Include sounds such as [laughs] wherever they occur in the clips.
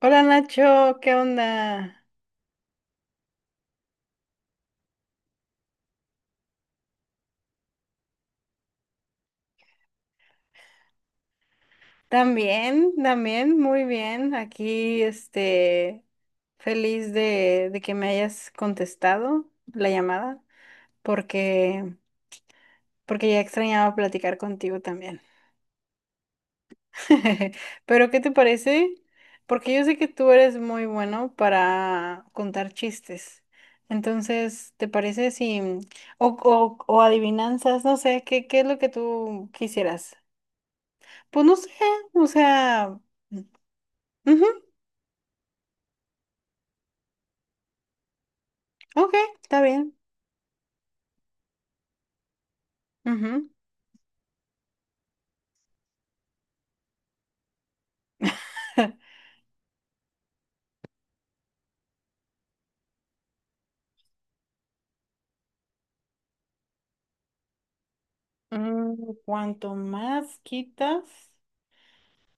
Hola Nacho, ¿qué onda? También, también, muy bien. Aquí, feliz de que me hayas contestado la llamada, porque, porque ya extrañaba platicar contigo también. [laughs] Pero, ¿qué te parece? Porque yo sé que tú eres muy bueno para contar chistes. Entonces, ¿te parece si, o adivinanzas, no sé, ¿qué, qué es lo que tú quisieras? Pues no sé, o sea, ujú, ok, está bien. Ujú. [laughs] Mm, cuanto más quitas,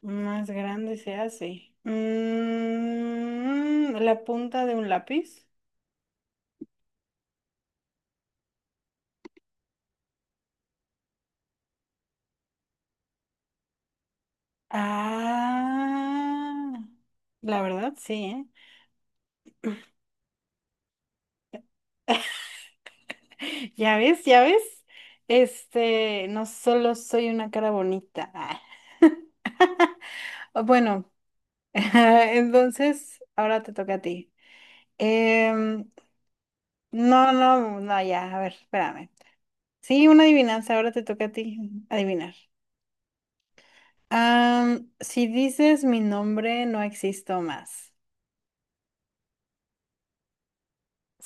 más grande se hace. Mm, la punta de un lápiz. Ah, la verdad, sí, ¿eh? [laughs] Ya ves, ya ves. Este, no solo soy una cara bonita. Ah. [laughs] Bueno, [laughs] entonces, ahora te toca a ti. Em, No, no, no, ya, a ver, espérame. Sí, una adivinanza, ahora te toca a ti adivinar. Am, si dices mi nombre, no existo más.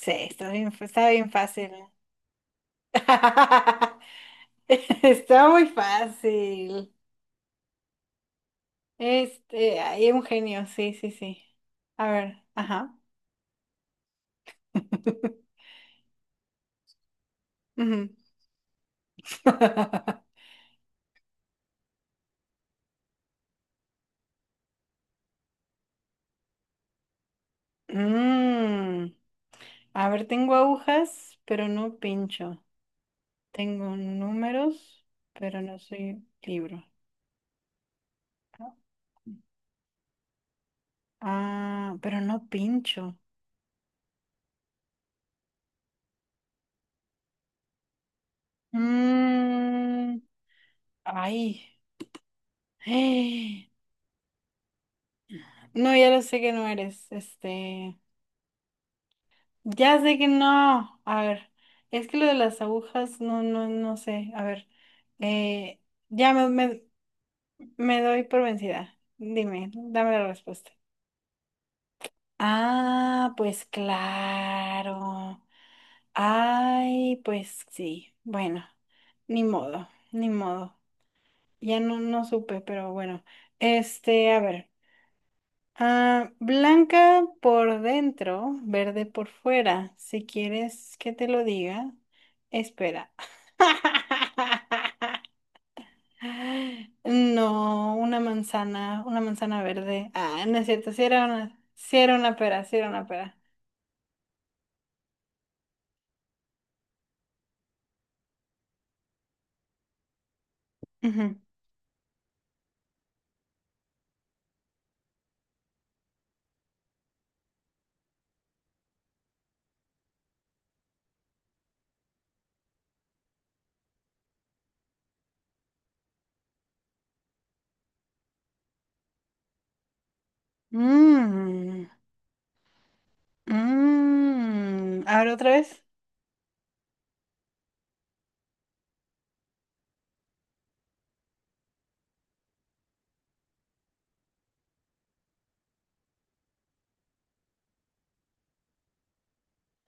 Sí, está bien, está bien fácil. [laughs] Está muy fácil. Este, hay un genio, sí, sí, sí. A ver, ajá. [laughs] Ujú. [laughs] Mm, a ver, tengo agujas, pero no pincho. Tengo números, pero no soy libro. Ah, pero no pincho. Mm, ay. [gasps] Eh, No, ya lo sé que no eres. Este. Ya sé que no. A ver. Es que lo de las agujas, no sé. A ver. eh, ya me, me, me doy por vencida. Dime, dame la respuesta. Ah, pues claro. Ay, pues sí. Bueno, ni modo, ni modo. Ya no, no supe, pero bueno. Este, a ver. Ah, blanca por dentro, verde por fuera. Si quieres que te lo diga, espera. [laughs] No, una manzana verde. Ah, no es cierto, si era una, sí era una pera, si era una pera. Ujú. Mm, mm. A ver, otra vez.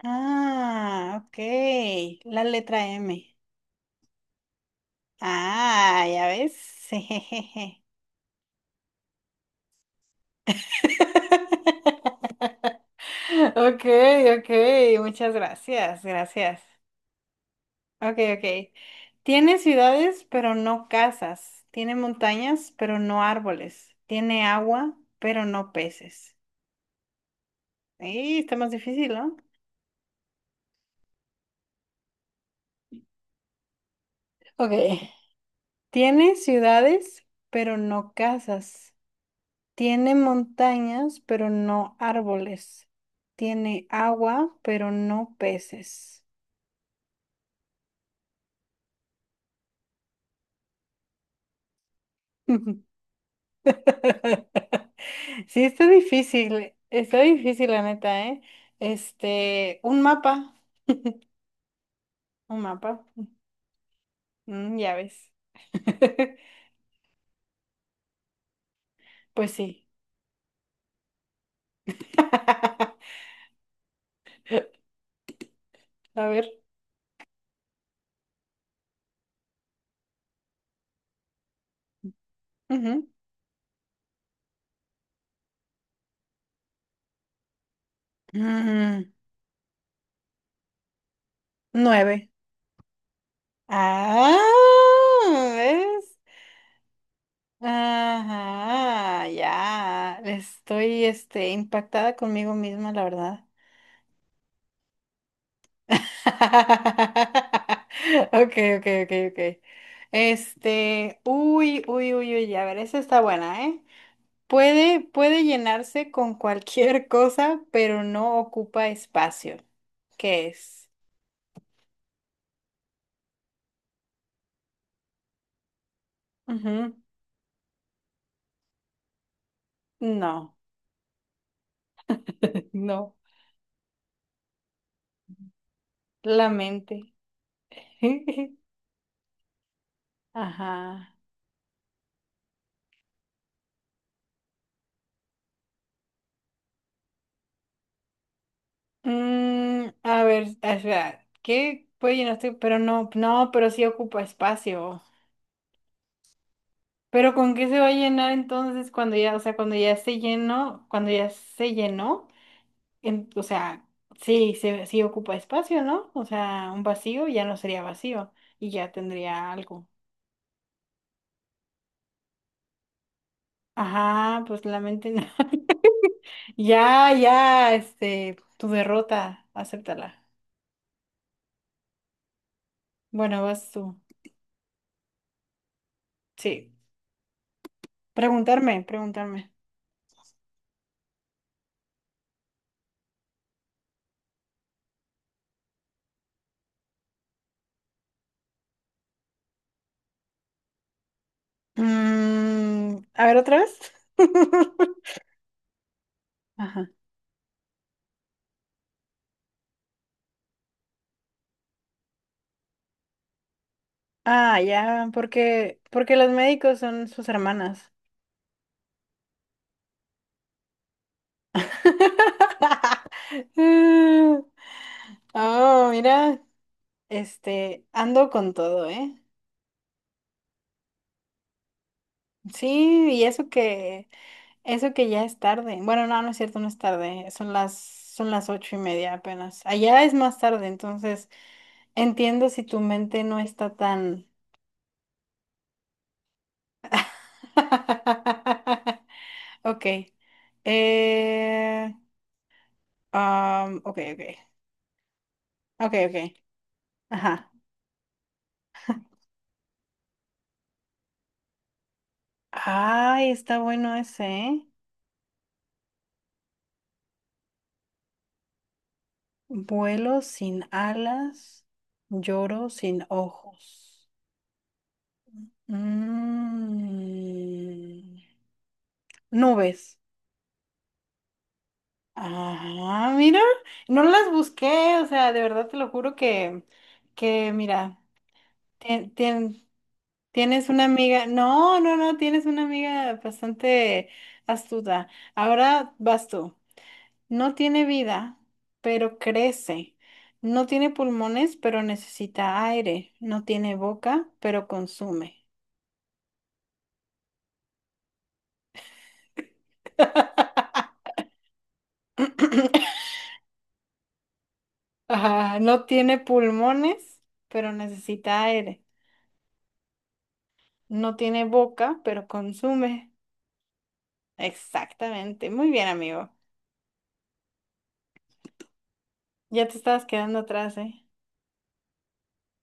Ah, ok. La letra M. Ah, ya ves. [laughs] Okay, okay, muchas gracias, gracias. Okay, okay. Tiene ciudades, pero no casas. Tiene montañas, pero no árboles. Tiene agua, pero no peces. Ahí está más difícil, ¿no? Okay. Tiene ciudades, pero no casas. Tiene montañas, pero no árboles. Tiene agua, pero no peces. [laughs] [laughs] Sí, está difícil la neta, ¿eh? Este, un mapa, mm, ya ves. [laughs] Pues sí. [laughs] A ver. Ujú. Mm, nueve. Ah, ¿ves? Ajá, ya. Estoy, este, impactada conmigo misma, la verdad. [laughs] Okay, okay, okay, okay. Este, uy, uy, uy, uy, a ver, esa está buena, ¿eh? Puede llenarse con cualquier [laughs] cosa, pero no ocupa espacio. ¿Qué es? Ujú. No, [laughs] no, la mente. [laughs] Ajá. Mm, a ver, espera, ¿qué puede llenarse? Pero no, no, pero sí ocupa espacio. Pero ¿con qué se va a llenar entonces cuando ya, o sea, cuando ya se llenó, cuando ya se llenó, o sea, sí, sí ocupa espacio, ¿no? O sea, un vacío ya no sería vacío y ya tendría algo. Ajá, pues la mente no. [laughs] Ya, ya, este, tu derrota, acéptala. Bueno, vas tú. Sí. Preguntarme, preguntarme. Mm, a ver, otra vez. [laughs] Ajá. Ah, ya, porque los médicos son sus hermanas. [laughs] Oh, mira, este, ando con todo, ¿eh? Sí, y eso que ya es tarde. Bueno, no, no es cierto, no es tarde. Son las ocho y media apenas. Allá es más tarde, entonces entiendo si tu mente no está tan. [laughs] Ok. Eh, ok, ok. Ok, ok. Ajá. Ay, está bueno ese, ¿eh? Vuelo sin alas, lloro sin ojos. Mm, nubes. Ah, mira, no las busqué, o sea, de verdad te lo juro que mira, tien- tien- tienes una amiga, no, no, no, tienes una amiga bastante astuta. Ahora vas tú. No tiene vida, pero crece. No tiene pulmones, pero necesita aire. No tiene boca, pero consume. [coughs] [laughs] Ah, no tiene pulmones, pero necesita aire. No tiene boca, pero consume. Exactamente. Muy bien, amigo. Ya te estabas quedando atrás, ¿eh?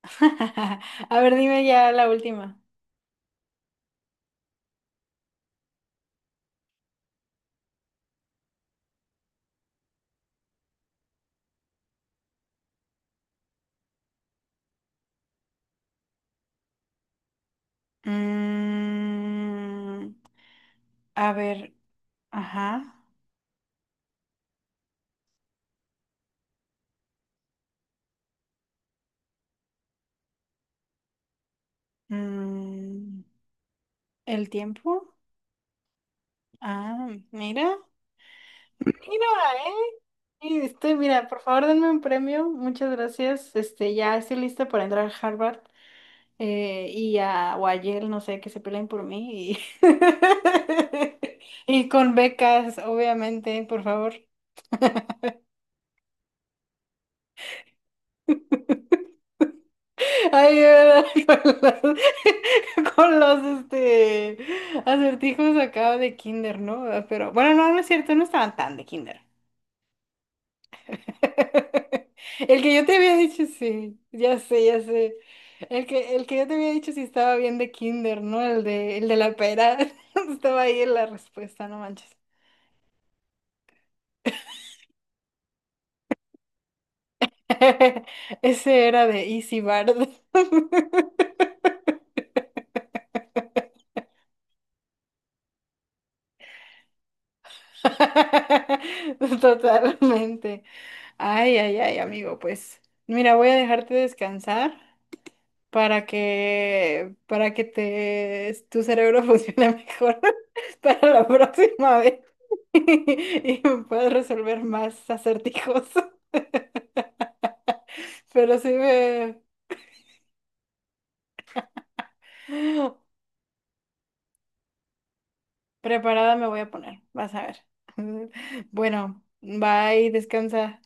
[laughs] A ver, dime ya la última. Mm, a ver, ajá. Mm, ¿el tiempo? Ah, mira, mira, eh. Y estoy mira, por favor, denme un premio. Muchas gracias. Este, ya estoy lista para entrar a Harvard y o a Yale, no sé, que se peleen por mí. Y, [laughs] y con becas, obviamente, por favor. Ayuda con [laughs] con los, este, acertijos acá de kinder, ¿no? Pero bueno, no, no es cierto, no estaban tan de kinder. [laughs] El que yo te había dicho, sí, ya sé, ya sé. El que yo te había dicho si estaba bien de kinder, ¿no? El de la pera. [laughs] Estaba ahí en la respuesta, no manches. [laughs] Ese era de Easy Bard. [laughs] Totalmente. Ay, ay, ay, amigo, pues mira, voy a dejarte descansar. Para que tu cerebro [laughs] funcione mejor [laughs] para la próxima vez [laughs] y puedas resolver más acertijos. [laughs] Pero sí me... Preparada me voy a poner, vas a ver. [laughs] Bueno, bye, descansa.